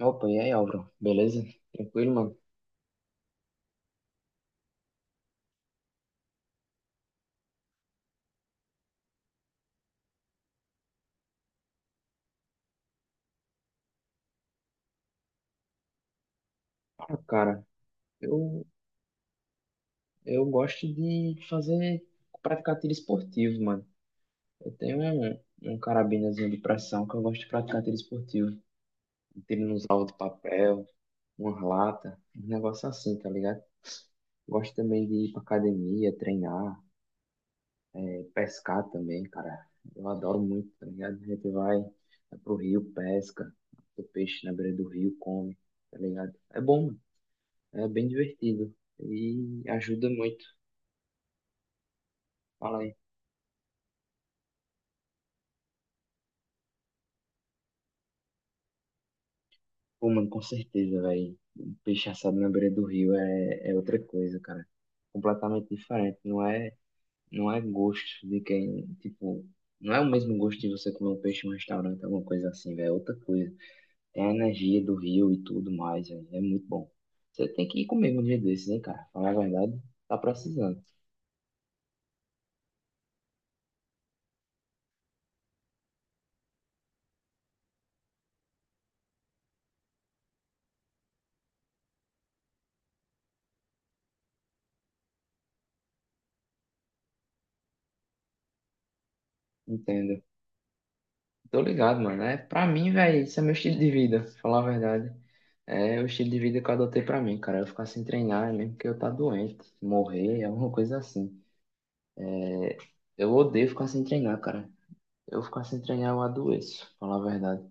Opa, e aí, Álvaro? Beleza? Tranquilo, mano? Ah, cara, eu, eu gosto de fazer, praticar tiro esportivo, mano. Eu tenho um, um carabinazinho de pressão que eu gosto de praticar tiro esportivo. Um tiro nos alvos de papel, uma lata, um negócio assim, tá ligado? Gosto também de ir pra academia, treinar, pescar também, cara. Eu adoro muito, tá ligado? Vai pro rio, pesca, o peixe na beira do rio, come, tá ligado? É bom, mano. É bem divertido e ajuda muito. Fala aí. Pô, mano, com certeza, velho. Um peixe assado na beira do rio é outra coisa, cara. Completamente diferente. Não é gosto de quem, tipo, não é o mesmo gosto de você comer um peixe em um restaurante, alguma coisa assim, velho. É outra coisa. Tem a energia do rio e tudo mais, velho. É muito bom. Você tem que ir comigo um dia desses, hein, cara? Falar a verdade, tá precisando. Entendo. Tô ligado, mano. É, pra mim, velho, isso é meu estilo de vida, falar a verdade. É o estilo de vida que eu adotei pra mim, cara. Eu ficar sem treinar, é mesmo que eu tá doente, morrer, é alguma coisa assim. É, eu odeio ficar sem treinar, cara. Eu ficar sem treinar, eu adoeço, pra falar a verdade.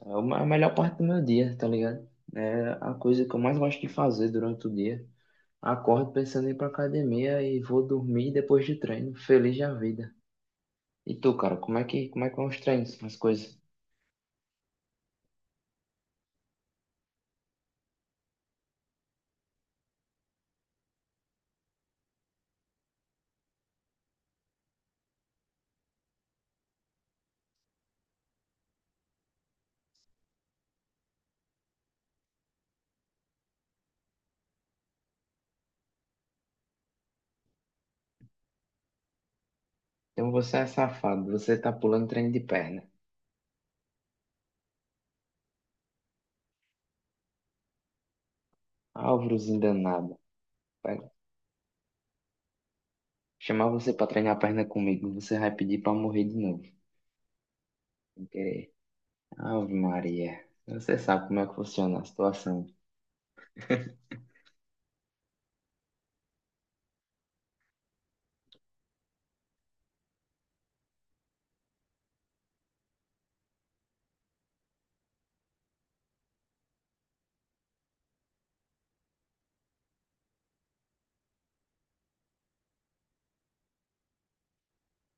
A melhor parte do meu dia, tá ligado? É a coisa que eu mais gosto de fazer durante o dia. Acordo pensando em ir pra academia e vou dormir depois de treino, feliz da vida. E tu, cara, como é que vão os treinos, as coisas? Então você é safado, você tá pulando treino de perna. Álvarozinho danado. Chamar você pra treinar a perna comigo, você vai pedir pra morrer de novo, sem querer. Ave Maria, você sabe como é que funciona a situação.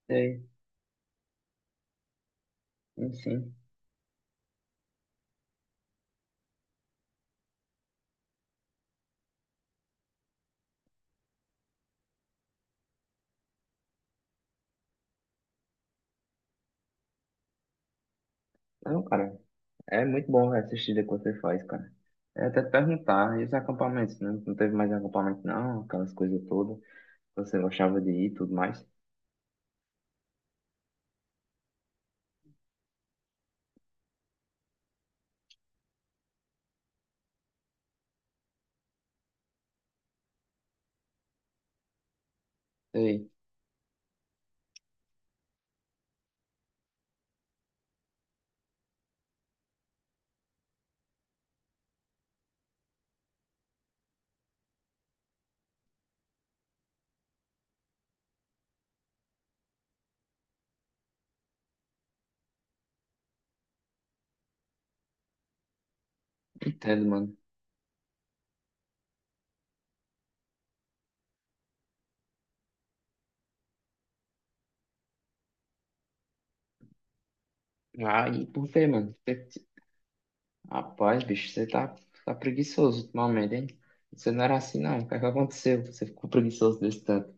Sei, enfim. Não, cara, é muito bom velho, essa assistir que você faz, cara. É até te perguntar, e os acampamentos, né? Não teve mais acampamento, não, aquelas coisas todas. Você gostava de ir e tudo mais. Sei, entendo, mano. Ah, e por quê, mano? Você- Rapaz, bicho, tá preguiçoso ultimamente, hein? Você não era assim, não. O que é que aconteceu? Você ficou preguiçoso desse tanto.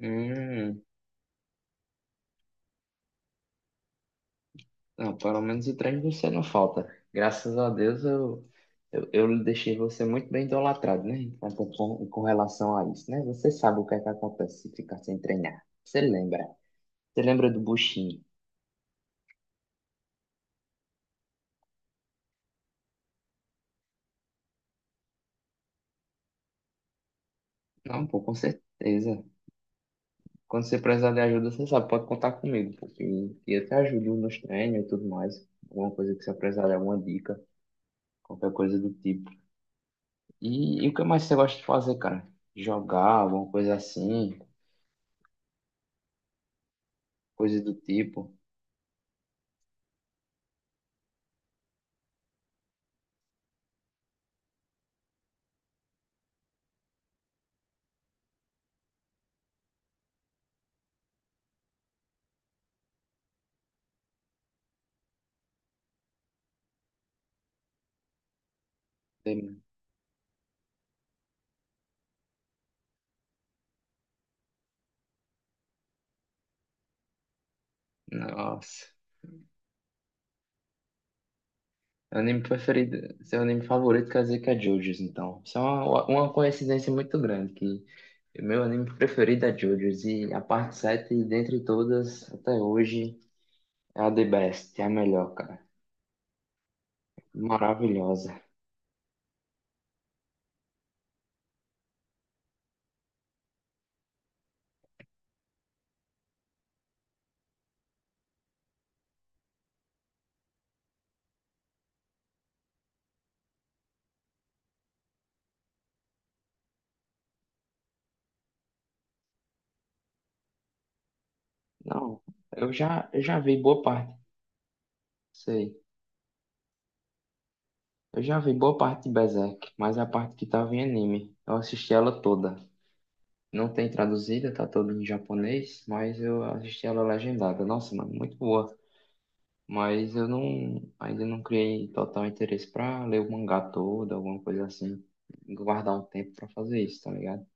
Hum. Não, pelo menos o trem você não falta. Graças a Deus eu deixei você muito bem idolatrado, né? Então, com relação a isso, né? Você sabe o que é que acontece se ficar sem treinar. Você lembra? Você lembra do buchinho? Não, pô, com certeza. Quando você precisar de ajuda, você sabe, pode contar comigo, porque eu te ajudo nos treinos e tudo mais. Alguma coisa que você precisar de alguma dica, qualquer coisa do tipo. E o que mais você gosta de fazer, cara? Jogar, alguma coisa assim, coisa do tipo. Nossa. Meu anime preferido, seu anime favorito quer dizer que é JoJo's, então. Isso é uma coincidência muito grande, que meu anime preferido é JoJo's, e a parte 7 dentre todas, até hoje, é a the best, é a melhor, cara. Maravilhosa. Não, eu já vi boa parte, sei. Eu já vi boa parte de Berserk, mas a parte que tava em anime, eu assisti ela toda. Não tem traduzida, tá toda em japonês, mas eu assisti ela legendada. Nossa, mano, muito boa. Mas eu não, ainda não criei total interesse pra ler o mangá todo, alguma coisa assim. Guardar um tempo pra fazer isso, tá ligado?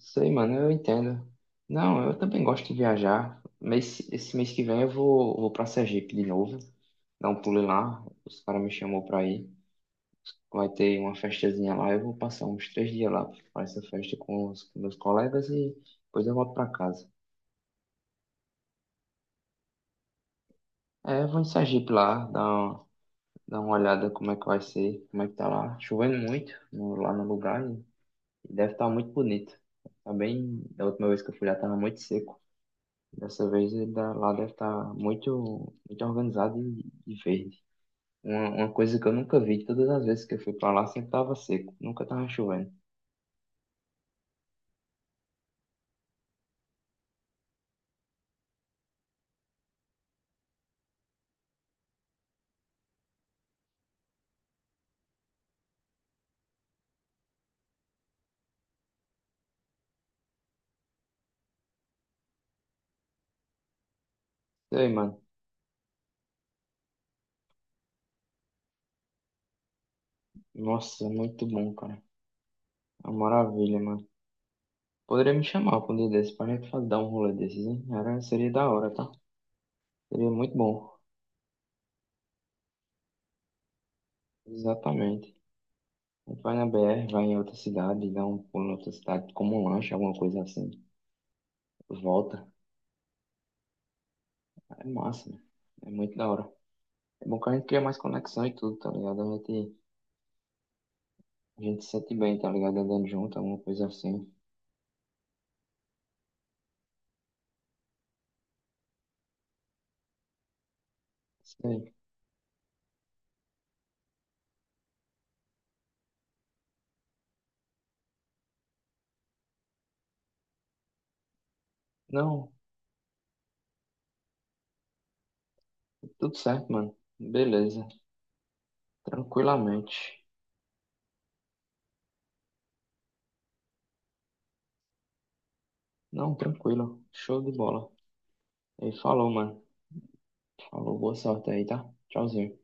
Sei, mano, eu entendo. Não, eu também gosto de viajar. Mês, esse mês que vem vou pra Sergipe de novo. Dar um pulo lá. Os caras me chamou pra ir. Vai ter uma festazinha lá. Eu vou passar uns 3 dias lá pra essa festa com os com meus colegas e depois eu volto pra casa. É, eu vou em Sergipe lá, dar Dá uma olhada como é que vai ser, como é que tá lá. Chovendo muito no- lá no lugar e deve estar muito bonito. Tá bem, da última vez que eu fui lá tava muito seco. Dessa vez ele dá- lá deve estar muito, muito organizado e verde. Uma coisa que eu nunca vi, todas as vezes que eu fui pra lá sempre tava seco, nunca tava chovendo. Sei, mano. Nossa, muito bom, cara. É uma maravilha, mano. Poderia me chamar pra um dia desses pra gente fazer- dar um rolê desses, hein? Era, seria da hora, tá? Seria muito bom. Exatamente. Vai na BR, vai em outra cidade, dá um pulo em outra cidade, como um lanche, alguma coisa assim. Volta. É massa, né? É muito da hora. É bom que a gente cria mais conexão e tudo, tá ligado? A gente se sente bem, tá ligado? Andando junto, alguma coisa assim. Isso aí. Não, tudo certo, mano. Beleza. Tranquilamente. Não, tranquilo. Show de bola. E falou, mano. Falou, boa sorte aí, tá? Tchauzinho.